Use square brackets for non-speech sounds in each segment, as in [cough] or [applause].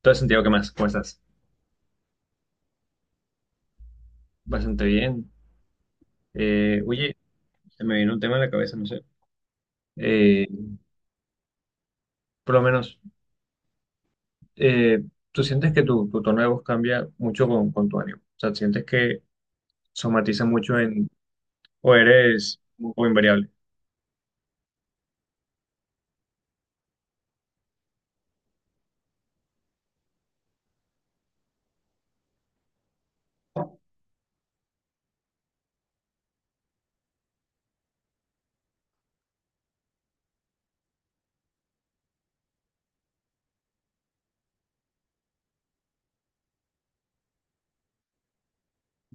Todo Santiago, ¿qué más? ¿Cómo estás? Bastante bien. Oye, se me vino un tema en la cabeza, no sé. Eh, por lo menos, eh, ¿tú sientes que tu tono de voz cambia mucho con tu ánimo? O sea, ¿sientes que somatiza mucho en, o eres un poco invariable?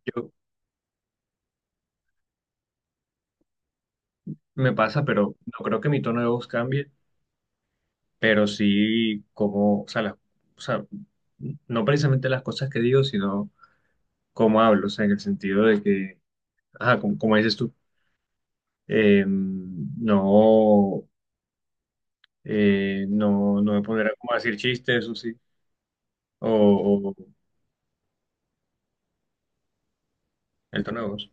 Yo, me pasa, pero no creo que mi tono de voz cambie, pero sí como, o sea, o sea, no precisamente las cosas que digo, sino cómo hablo, o sea, en el sentido de que, ajá, como, como dices tú, eh, no. No me pondrá como a decir chistes, eso sí, o, o el tono de voz.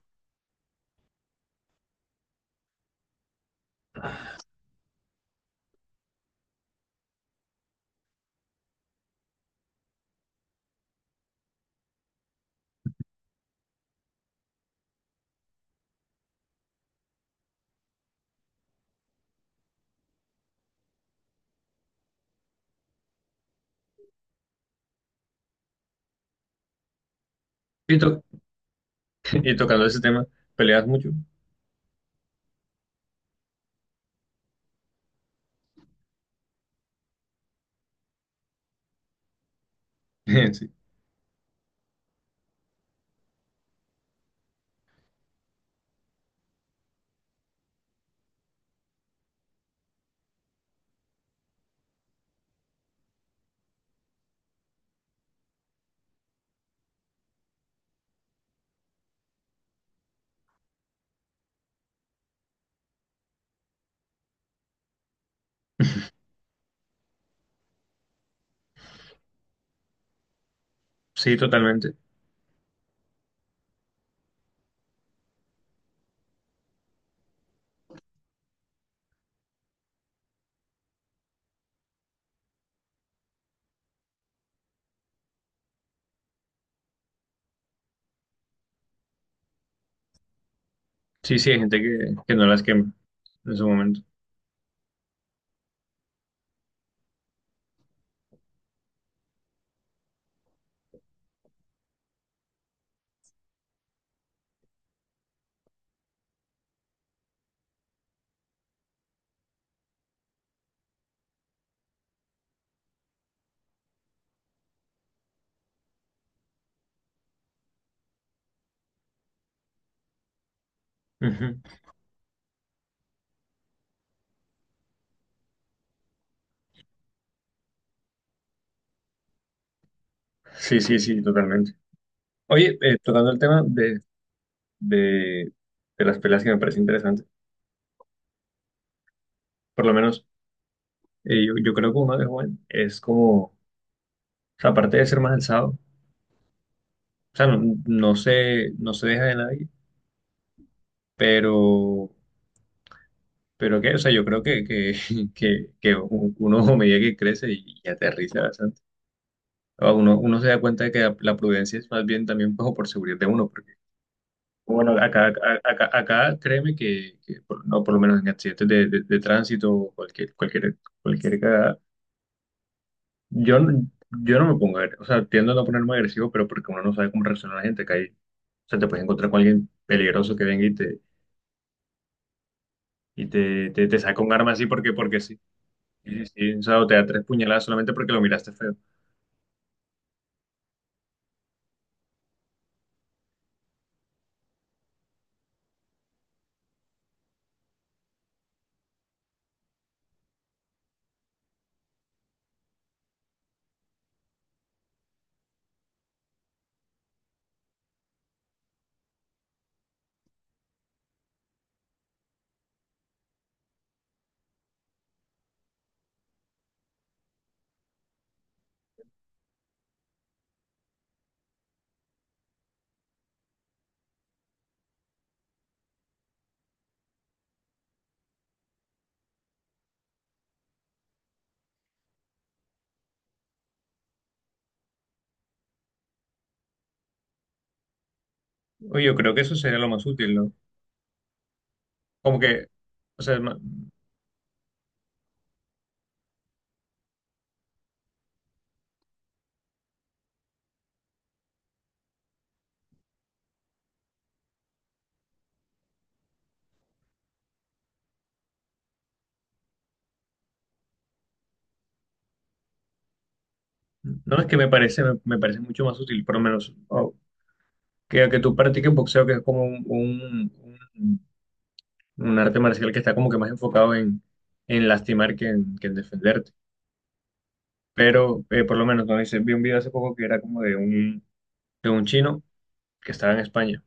Y, to- [laughs] y tocando ese tema, ¿peleas mucho? [laughs] Sí, sí, totalmente. Sí, sí, hay gente que no las quema en su momento. Ujú. Sí, sí, sí, totalmente. Oye, tocando el tema de, de las peleas que me parece interesante, por lo menos yo creo que uno de joven es como, o sea, aparte de ser más alzado, o sea, no, no se deja de nadie, pero Pero que, o sea, yo creo que, [laughs] que uno [laughs] a medida que crece y aterriza bastante, o uno se da cuenta de que la prudencia es más bien también como por seguridad de uno, porque, bueno, acá créeme que no, por lo menos en accidentes de tránsito o cualquier cagada, yo, no- yo no me pongo, o sea, tiendo a no ponerme agresivo, pero porque uno no sabe cómo reacciona la gente, acá hay, o sea, te puedes encontrar con alguien peligroso que venga y te, te saca un arma así porque, porque sí. Sí, sí, sí, o sea, o te da tres puñaladas solamente porque lo miraste feo. Oye, yo creo que eso sería lo más útil, ¿no? Como que, o sea, no, no es que me parece, me parece mucho más útil, por lo menos, o que tú practiques boxeo, que es como un- un arte marcial que está como que más enfocado en lastimar que en defenderte. Pero, por lo menos, no hice, vi un video hace poco que era como de de un chino que estaba en España.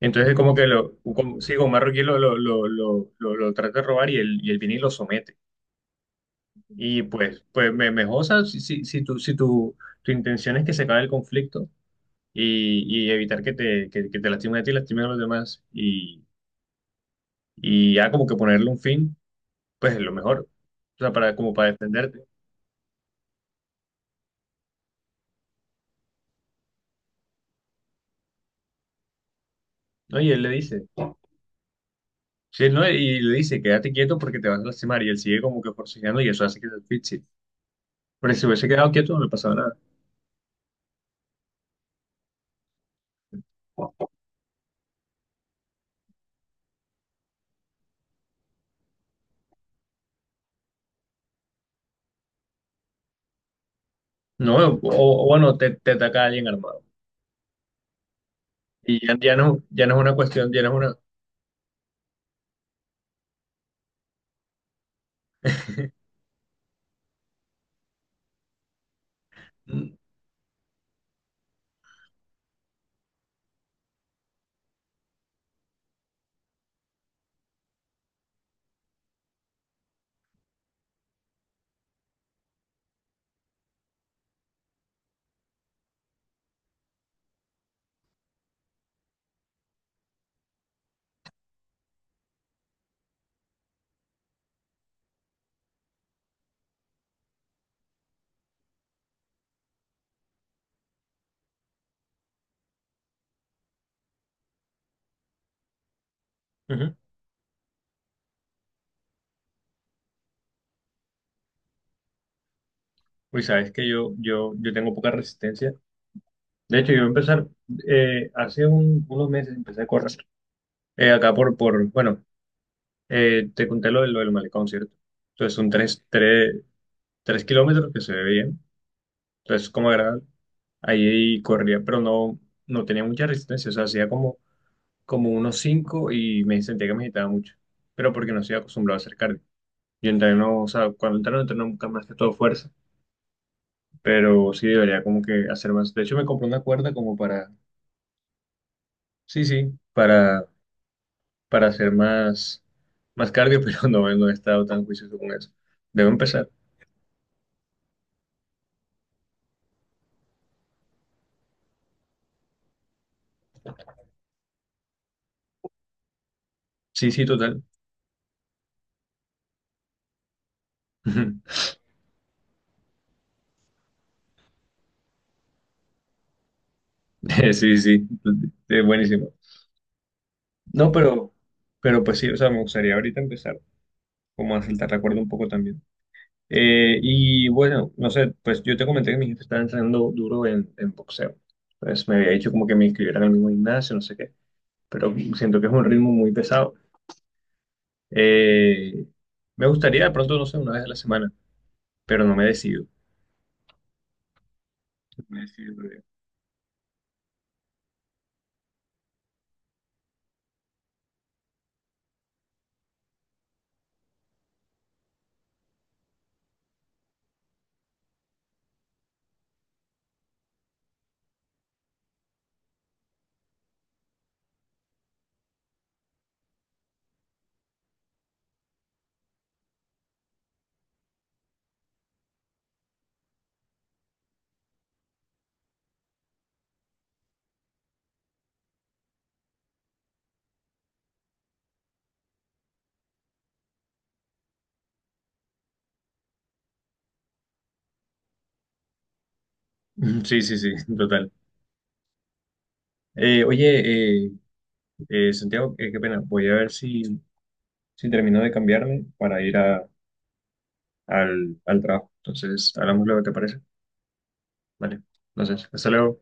Entonces, como que lo, como, sí, como un marroquí lo trata de robar y él viene y lo somete. Y pues, mejor, o sea, si tu, tu intención es que se acabe el conflicto y evitar que te lastimen a ti y lastimen a los demás y ya como que ponerle un fin, pues es lo mejor, o sea, para, como para defenderte, ¿no? Y él le dice, sí, ¿no? Y le dice, quédate quieto porque te vas a lastimar y él sigue como que forcejeando y eso hace que te asfixie. Pero si se hubiese quedado quieto no le pasaba nada. No, o bueno, te ataca alguien armado. Y ya, ya no, ya no es una cuestión, ya no es una... Ujú. Uy, sabes que yo, yo tengo poca resistencia. De hecho, yo voy a empezar, hace unos meses empecé a correr. Acá por, bueno, te conté lo, lo del malecón, ¿cierto? Entonces son 3 km que se ve bien. Entonces, como agradable. Ahí corría, pero no, no tenía mucha resistencia. O sea, hacía como, como unos cinco y me sentía que me agitaba mucho. Pero porque no estoy acostumbrado a hacer cardio. Yo entreno, o sea, cuando entreno, entreno nunca más que todo fuerza. Pero sí debería como que hacer más. De hecho, me compré una cuerda como para sí, sí, para hacer más, más cardio, [laughs] pero no, no he estado tan juicioso con eso. Debo empezar. Sí, sí, total. [laughs] Sí, sí, es buenísimo. No, pero pues sí, o sea, me gustaría ahorita empezar como a saltar la cuerda un poco también. Y bueno, no sé, pues yo te comenté que mi jefe estaba entrenando duro en boxeo. Pues me había dicho como que me inscribieran al mismo gimnasio, no sé qué, pero siento que es un ritmo muy pesado. Eh, Me gustaría de pronto, no sé, una vez a la semana, pero no me decido. Me sirve. [laughs] Sí, sí, sí, total. Eh, oye, eh, Santiago, qué pena. Voy a ver si, si termino de cambiarme para ir a, al, al trabajo. Entonces, hablamos luego, ¿te parece? Vale. Entonces, hasta luego.